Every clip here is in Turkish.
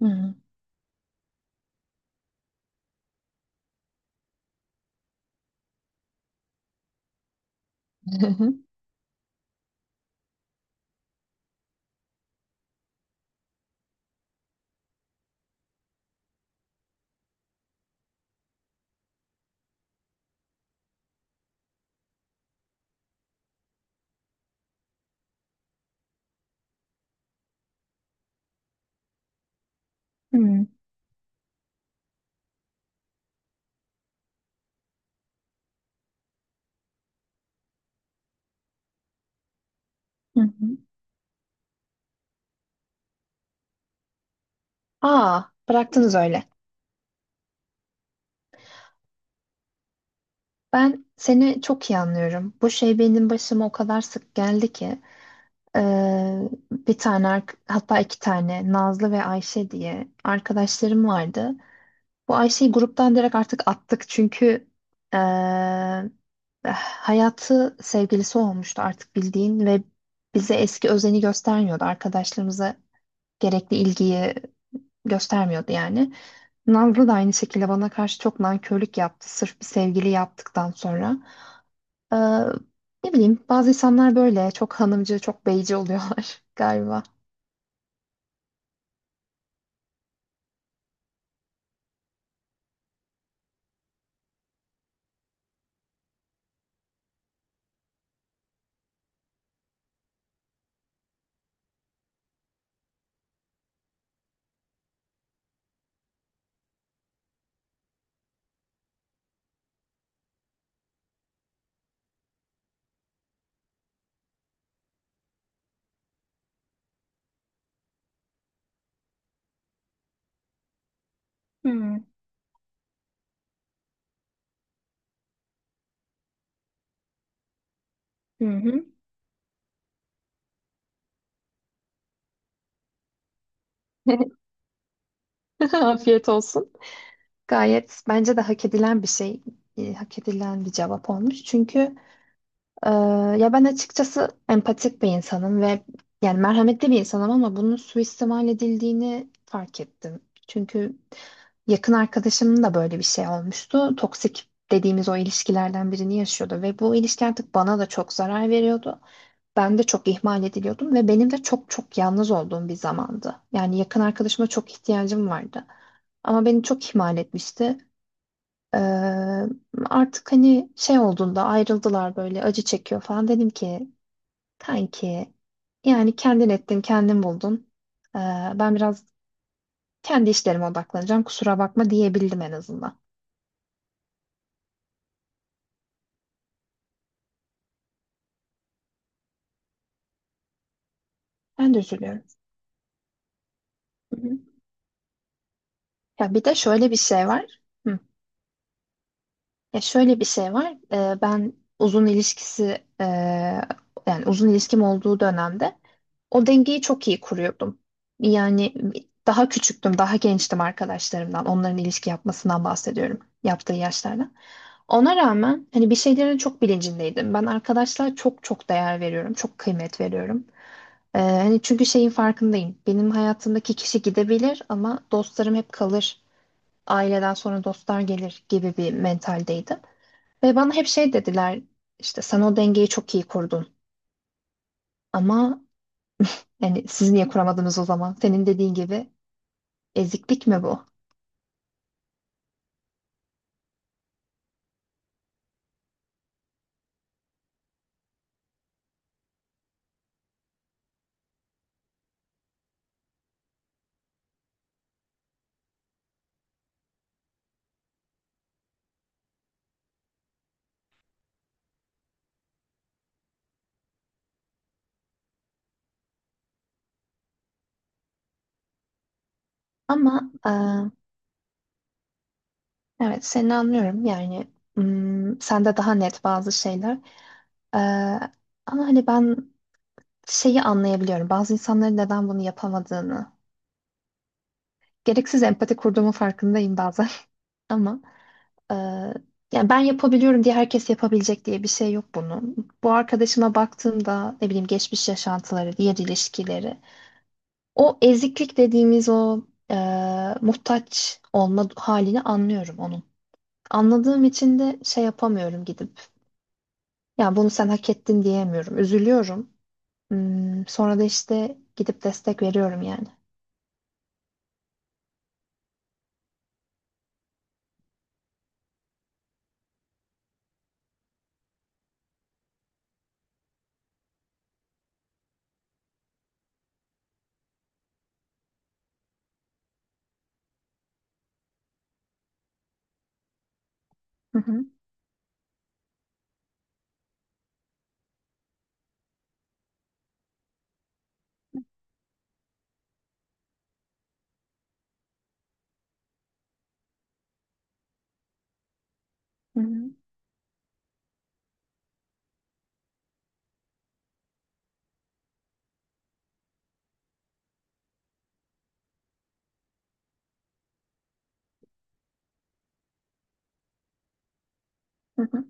Hı. Hı. Hı hı. hı. Aa, bıraktınız öyle. Ben seni çok iyi anlıyorum. Bu şey benim başıma o kadar sık geldi ki bir tane hatta iki tane Nazlı ve Ayşe diye arkadaşlarım vardı. Bu Ayşe'yi gruptan direkt artık attık çünkü eee, hayatı sevgilisi olmuştu artık bildiğin ve bize eski özeni göstermiyordu. Arkadaşlarımıza gerekli ilgiyi göstermiyordu yani. Nazlı da aynı şekilde bana karşı çok nankörlük yaptı. Sırf bir sevgili yaptıktan sonra. Ee, Ne bileyim bazı insanlar böyle çok hanımcı, çok beyci oluyorlar galiba. Hı hı. Afiyet olsun. Gayet bence de hak edilen bir şey, e, hak edilen bir cevap olmuş. Çünkü Ee, ya ben açıkçası empatik bir insanım ve yani merhametli bir insanım ama bunun suistimal edildiğini fark ettim. Çünkü yakın arkadaşımın da böyle bir şey olmuştu. Toksik dediğimiz o ilişkilerden birini yaşıyordu ve bu ilişki artık bana da çok zarar veriyordu. Ben de çok ihmal ediliyordum ve benim de çok çok yalnız olduğum bir zamandı. Yani yakın arkadaşıma çok ihtiyacım vardı. Ama beni çok ihmal etmişti. Ee, Artık hani şey olduğunda ayrıldılar böyle acı çekiyor falan dedim ki kanki yani kendin ettin, kendin buldun. Ee, Ben biraz kendi işlerime odaklanacağım. Kusura bakma diyebildim en azından. Ben de üzülüyorum. Hı hı. Ya bir de şöyle bir şey var. Hı. Ya şöyle bir şey var. Ben uzun ilişkisi e, yani uzun ilişkim olduğu dönemde o dengeyi çok iyi kuruyordum. Yani daha küçüktüm, daha gençtim arkadaşlarımdan. Onların ilişki yapmasından bahsediyorum. Yaptığı yaşlardan. Ona rağmen hani bir şeylerin çok bilincindeydim. Ben arkadaşlar çok çok değer veriyorum. Çok kıymet veriyorum. Hani çünkü şeyin farkındayım. Benim hayatımdaki kişi gidebilir ama dostlarım hep kalır. Aileden sonra dostlar gelir gibi bir mentaldeydim. Ve bana hep şey dediler işte sen o dengeyi çok iyi kurdun ama yani siz niye kuramadınız o zaman? Senin dediğin gibi eziklik mi bu? Ama e, evet seni anlıyorum yani hmm, sende daha net bazı şeyler. E, ama hani ben şeyi anlayabiliyorum bazı insanların neden bunu yapamadığını. Gereksiz empati kurduğumun farkındayım bazen ama. Ee, Yani ben yapabiliyorum diye herkes yapabilecek diye bir şey yok bunun. Bu arkadaşıma baktığımda ne bileyim geçmiş yaşantıları, diğer ilişkileri, o eziklik dediğimiz o e, muhtaç olma halini anlıyorum onun. Anladığım için de şey yapamıyorum gidip. Ya bunu sen hak ettin diyemiyorum. Üzülüyorum. Hmm, sonra da işte gidip destek veriyorum yani. Hı hı, hı hı, hı hı,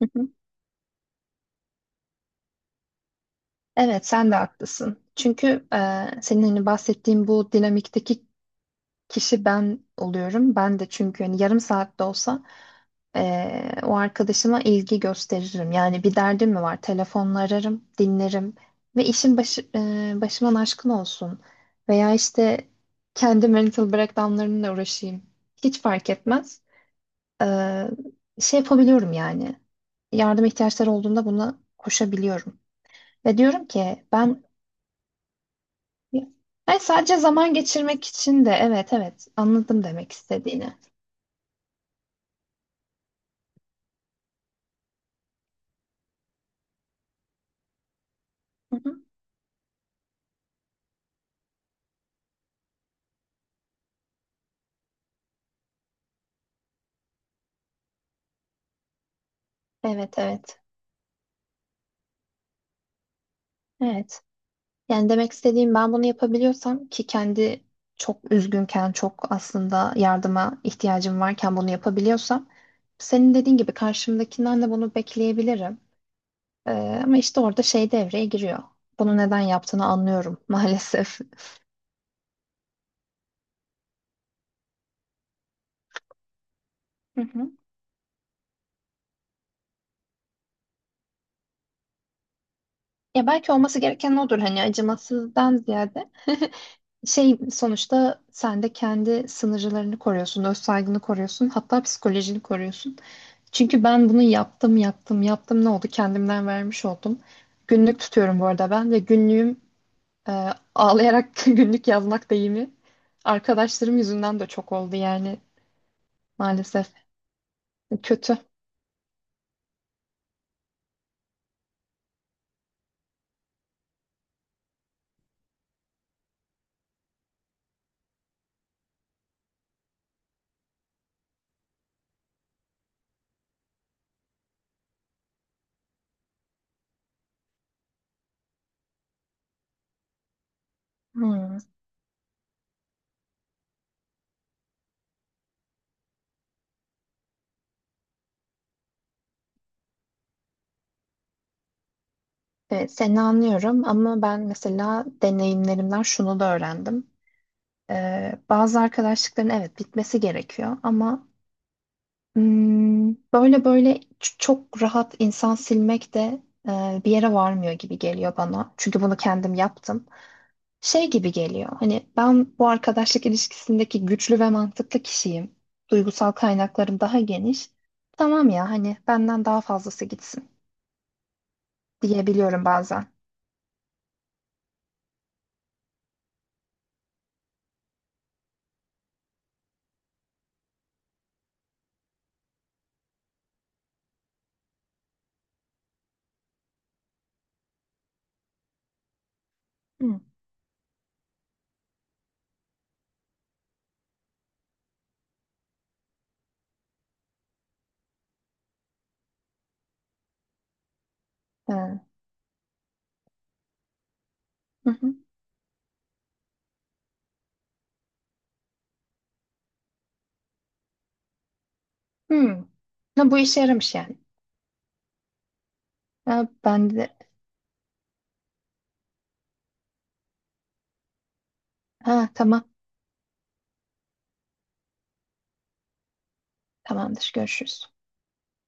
hı hı. Evet, sen de haklısın. Çünkü e, senin hani bahsettiğin bu dinamikteki kişi ben oluyorum. Ben de çünkü hani yarım saatte olsa o arkadaşıma ilgi gösteririm. Yani bir derdim mi var? Telefonla ararım, dinlerim ve işin başı, e, başıman aşkın olsun. Veya işte kendi mental breakdownlarımla uğraşayım. Hiç fark etmez. Ee, Şey yapabiliyorum yani. Yardım ihtiyaçları olduğunda buna koşabiliyorum. Ve diyorum ki ben hayır, sadece zaman geçirmek için de evet evet anladım demek istediğini. Hı hı. Evet evet. Evet. Yani demek istediğim ben bunu yapabiliyorsam ki kendi çok üzgünken, çok aslında yardıma ihtiyacım varken bunu yapabiliyorsam senin dediğin gibi karşımdakinden de bunu bekleyebilirim. Ama işte orada şey devreye giriyor. Bunu neden yaptığını anlıyorum maalesef. Hı hı. Ya belki olması gereken odur hani acımasızdan ziyade. Şey sonuçta sen de kendi sınırlarını koruyorsun, öz saygını koruyorsun, hatta psikolojini koruyorsun. Çünkü ben bunu yaptım ne oldu kendimden vermiş oldum. Günlük tutuyorum bu arada ben ve günlüğüm e, ağlayarak günlük yazmak deyimi arkadaşlarım yüzünden de çok oldu yani maalesef kötü. Hmm. Evet, seni anlıyorum ama ben mesela deneyimlerimden şunu da öğrendim. Bazı arkadaşlıkların evet bitmesi gerekiyor ama hmm, böyle böyle çok rahat insan silmek de e, bir yere varmıyor gibi geliyor bana. Çünkü bunu kendim yaptım. Şey gibi geliyor. Hani ben bu arkadaşlık ilişkisindeki güçlü ve mantıklı kişiyim. Duygusal kaynaklarım daha geniş. Tamam ya hani benden daha fazlası gitsin diyebiliyorum bazen. Hı. Ee, hı hı. Hmm. Ha, bu işe yaramış yani. Ha, ben de ha, tamam tamamdır görüşürüz.